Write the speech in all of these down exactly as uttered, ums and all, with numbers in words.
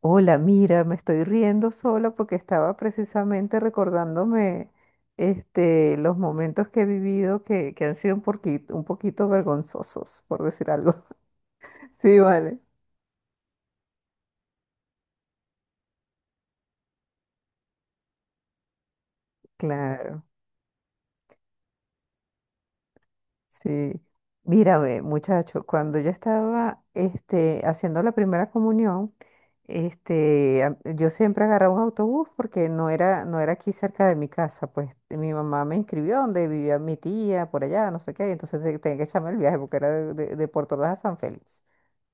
Hola, mira, me estoy riendo sola porque estaba precisamente recordándome este, los momentos que he vivido que, que han sido un poquito, un poquito vergonzosos, por decir algo. Sí, vale. Claro. Sí, mírame, muchacho, cuando yo estaba este, haciendo la primera comunión, este, a- yo siempre agarraba un autobús porque no era, no era aquí cerca de mi casa, pues mi mamá me inscribió donde vivía mi tía, por allá, no sé qué, entonces te- tenía que echarme el viaje porque era de, de- de Puerto Ordaz a San Félix.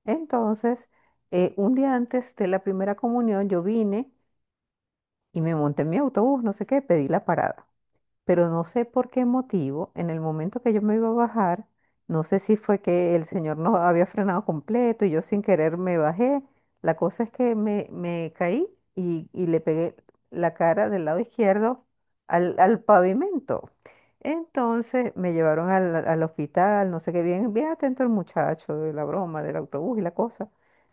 Entonces, eh, un día antes de la primera comunión, yo vine y me monté en mi autobús, no sé qué, pedí la parada, pero no sé por qué motivo, en el momento que yo me iba a bajar, no sé si fue que el señor no había frenado completo y yo sin querer me bajé. La cosa es que me, me caí y, y le pegué la cara del lado izquierdo al, al pavimento. Entonces me llevaron al, al hospital, no sé qué, bien, bien atento el muchacho de la broma, del autobús y la cosa.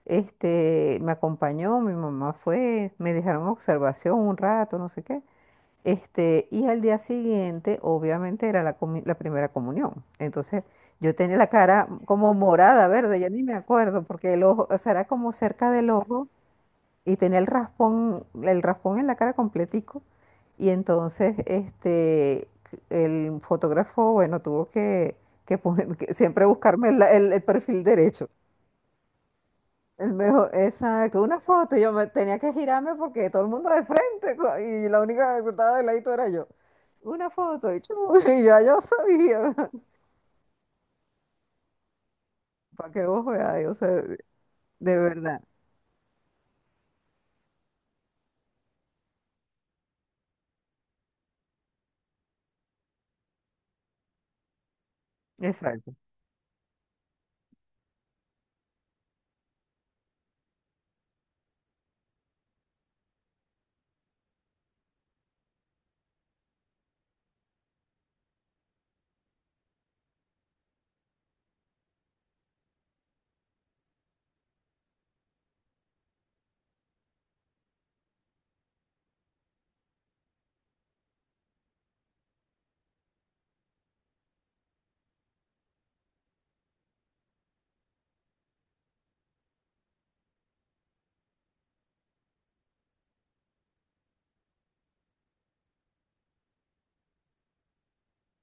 Este, me acompañó, mi mamá fue, me dejaron observación un rato, no sé qué. Este, y al día siguiente, obviamente, era la, comi- la primera comunión. Entonces, yo tenía la cara como morada, verde, yo ni me acuerdo, porque el ojo, o sea, era como cerca del ojo y tenía el raspón, el raspón en la cara completico. Y entonces, este, el fotógrafo, bueno, tuvo que, que, pon- que siempre buscarme la- el, el perfil derecho. El mejor, exacto, una foto, y yo me, tenía que girarme porque todo el mundo de frente co- y la única que estaba de ladito era yo. Una foto y, chu, y ya yo sabía. Para que vos veáis, o sea, de verdad. Exacto,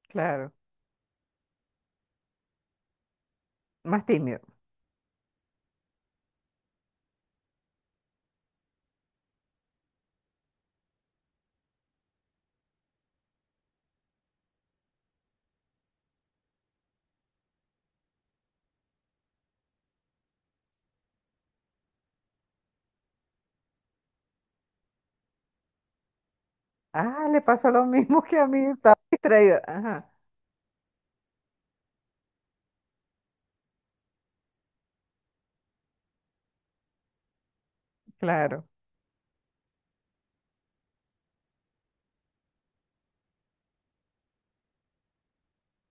claro. Más tímido. Ah, le pasó lo mismo que a mí, estaba distraída. Ajá, claro.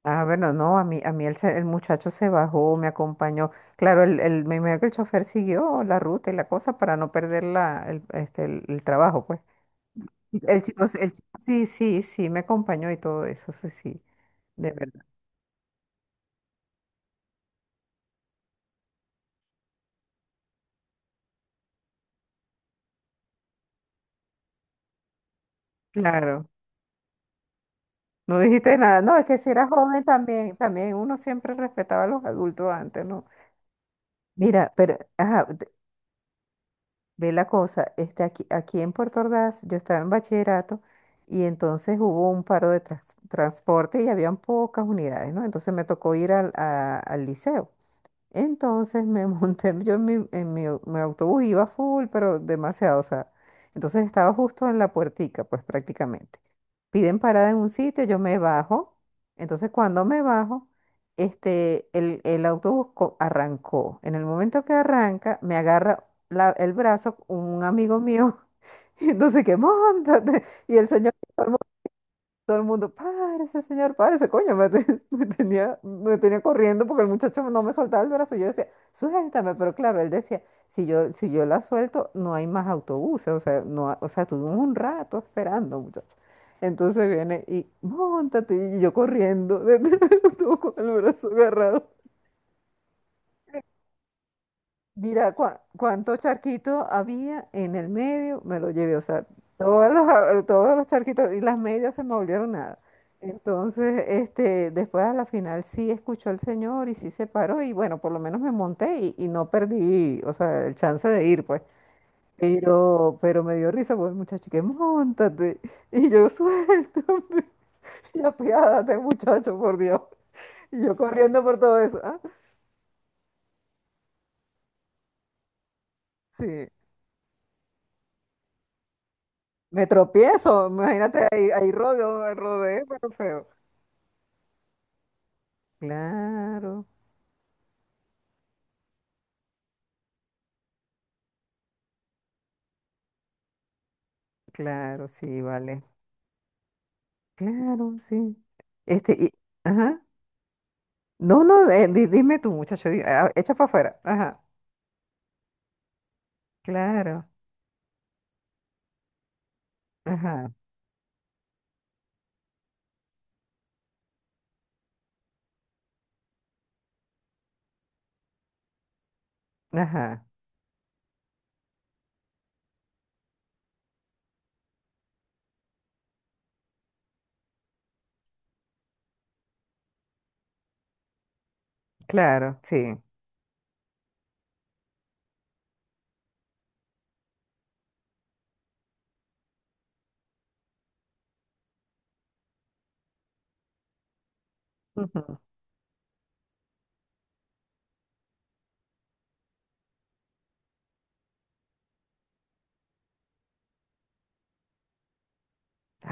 Ah, bueno, no, a mí, a mí el, se- el muchacho se bajó, me acompañó. Claro, el, el, me imagino que el chofer siguió la ruta y la cosa para no perder la, el, este, el el trabajo, pues. El chico, el chico, sí, sí, sí, me acompañó y todo eso, sí, sí, de verdad. Claro, no dijiste nada. No, es que si era joven, también, también uno siempre respetaba a los adultos antes, ¿no? Mira, pero, ajá, te- ve la cosa, este, aquí, aquí en Puerto Ordaz, yo estaba en bachillerato y entonces hubo un paro de trans- transporte y habían pocas unidades, ¿no? Entonces me tocó ir al, a- al liceo. Entonces me monté yo en mi, en mi, au- mi autobús, iba full, pero demasiado, o sea, entonces estaba justo en la puertica, pues prácticamente. Piden parada en un sitio, yo me bajo, entonces cuando me bajo, este, el, el autobús co- arrancó. En el momento que arranca, me agarra la- el brazo un amigo mío, y entonces que montate, y el señor, todo el mundo, párese, señor, párese, coño. Me, te- me tenía, me tenía corriendo porque el muchacho no me soltaba el brazo. Yo decía, suéltame, pero claro, él decía, si yo, si yo la suelto, no hay más autobuses. O sea, no, ha- o sea, tuvimos un rato esperando, muchacho. Entonces viene y, móntate, y yo corriendo, detrás del autobús con el brazo agarrado. Mira cua- cuánto charquito había en el medio, me lo llevé, o sea, todos los, a- eh, todos los charquitos y las medias se me volvieron nada. Entonces, este, después a la final sí escuchó el señor y sí se paró y bueno, por lo menos me monté y, y no perdí, o sea, el chance de ir, pues. Pero, pero me dio risa, pues, muchacho, que montate. Y yo, suéltame. Y apiádate, muchacho, por Dios. Y yo corriendo por todo eso. ah, Sí. Me tropiezo, imagínate, ahí, ahí rodeo, rodeé, pero feo. Claro, claro, sí, vale. Claro, sí. Este, y, ajá. No, no, eh, di- dime tú, muchacho, di- ah, echa para afuera. Ajá, claro, ajá, ajá, claro, sí. Ujú.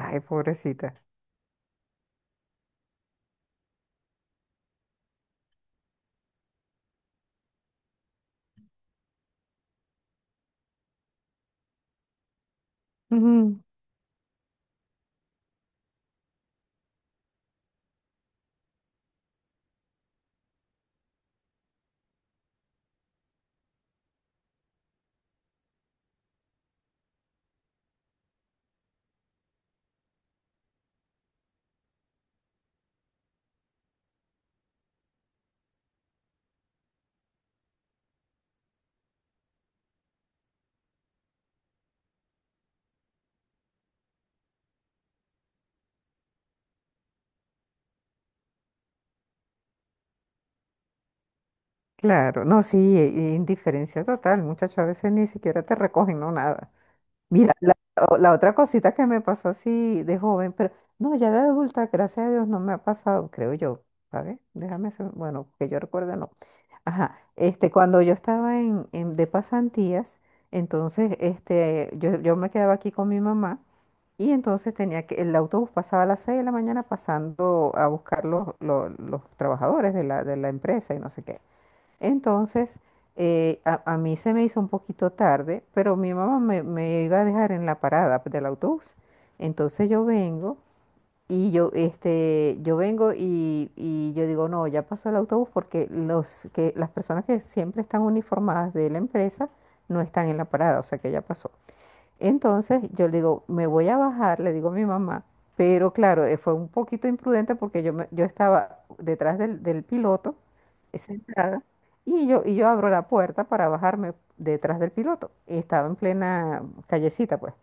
Ay, pobrecita. Ujú, claro, no, sí, e- e indiferencia total, muchacho, a veces ni siquiera te recogen, no, nada. Mira, la, o- la otra cosita que me pasó así de joven, pero no, ya de adulta, gracias a Dios, no me ha pasado, creo yo, ¿sabes? Déjame hacer- bueno, que yo recuerde, no. Ajá, este, cuando yo estaba en, en- de pasantías, entonces, este, yo, yo me quedaba aquí con mi mamá y entonces tenía que, el autobús pasaba a las seis de la mañana pasando a buscar los, los, los trabajadores de la, de la empresa y no sé qué. Entonces, eh, a, a mí se me hizo un poquito tarde, pero mi mamá me, me iba a dejar en la parada, pues, del autobús. Entonces yo vengo y yo, este, yo vengo y, y yo digo, no, ya pasó el autobús, porque los que, las personas que siempre están uniformadas de la empresa no están en la parada, o sea que ya pasó. Entonces yo le digo, me voy a bajar, le digo a mi mamá, pero claro, eh, fue un poquito imprudente, porque yo, me- yo estaba detrás del, del piloto, eh, sentada, y yo, y yo abro la puerta para bajarme detrás del piloto. Y estaba en plena callecita, pues.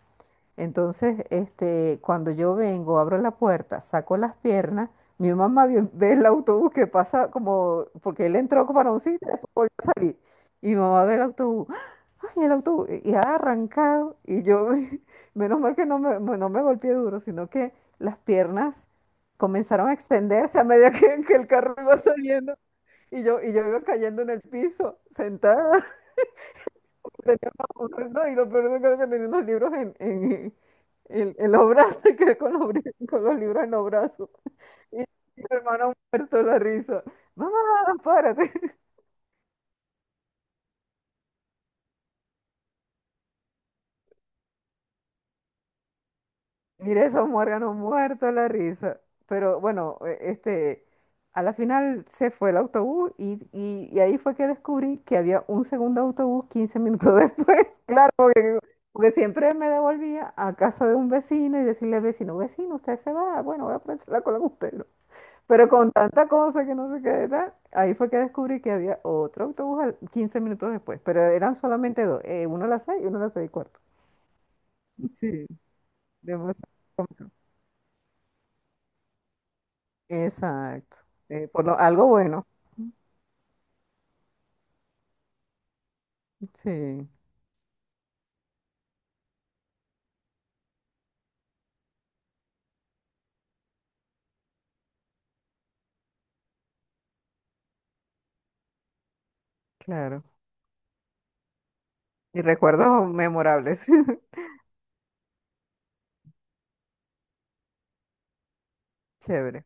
Entonces, este, cuando yo vengo, abro la puerta, saco las piernas, mi mamá vi- ve el autobús que pasa, como porque él entró para un sitio, después volvió a salir. Y mi mamá ve el autobús, ¡ah! ¡Ay, el autobús! Y ha arrancado. Y yo, menos mal que no me, me- no me golpeé duro, sino que las piernas comenzaron a extenderse a medida que, que el carro iba saliendo. Y yo, y yo iba cayendo en el piso, sentada, tenía unos- no, y lo peor de todo es que tenía unos libros en, en, en, en los brazos, que con los, bri- con los libros en los brazos. Y y mi hermano muerto de la risa. Mamá, párate. Mire, esos muérganos muertos de la risa. Pero bueno, e- este, a la final se fue el autobús y, y, y ahí fue que descubrí que había un segundo autobús quince minutos después. Claro, porque siempre me devolvía a casa de un vecino y decirle, al vecino, vecino, usted se va, bueno, voy a aprovechar la cola con usted, ¿no? Pero con tanta cosa que no sé qué era, ahí fue que descubrí que había otro autobús al- quince minutos después, pero eran solamente dos, eh, uno a las seis y uno a las seis y cuarto. Sí, demasiado cómico. Exacto. Eh, por lo, algo bueno. Sí, claro. Y recuerdos memorables. Chévere.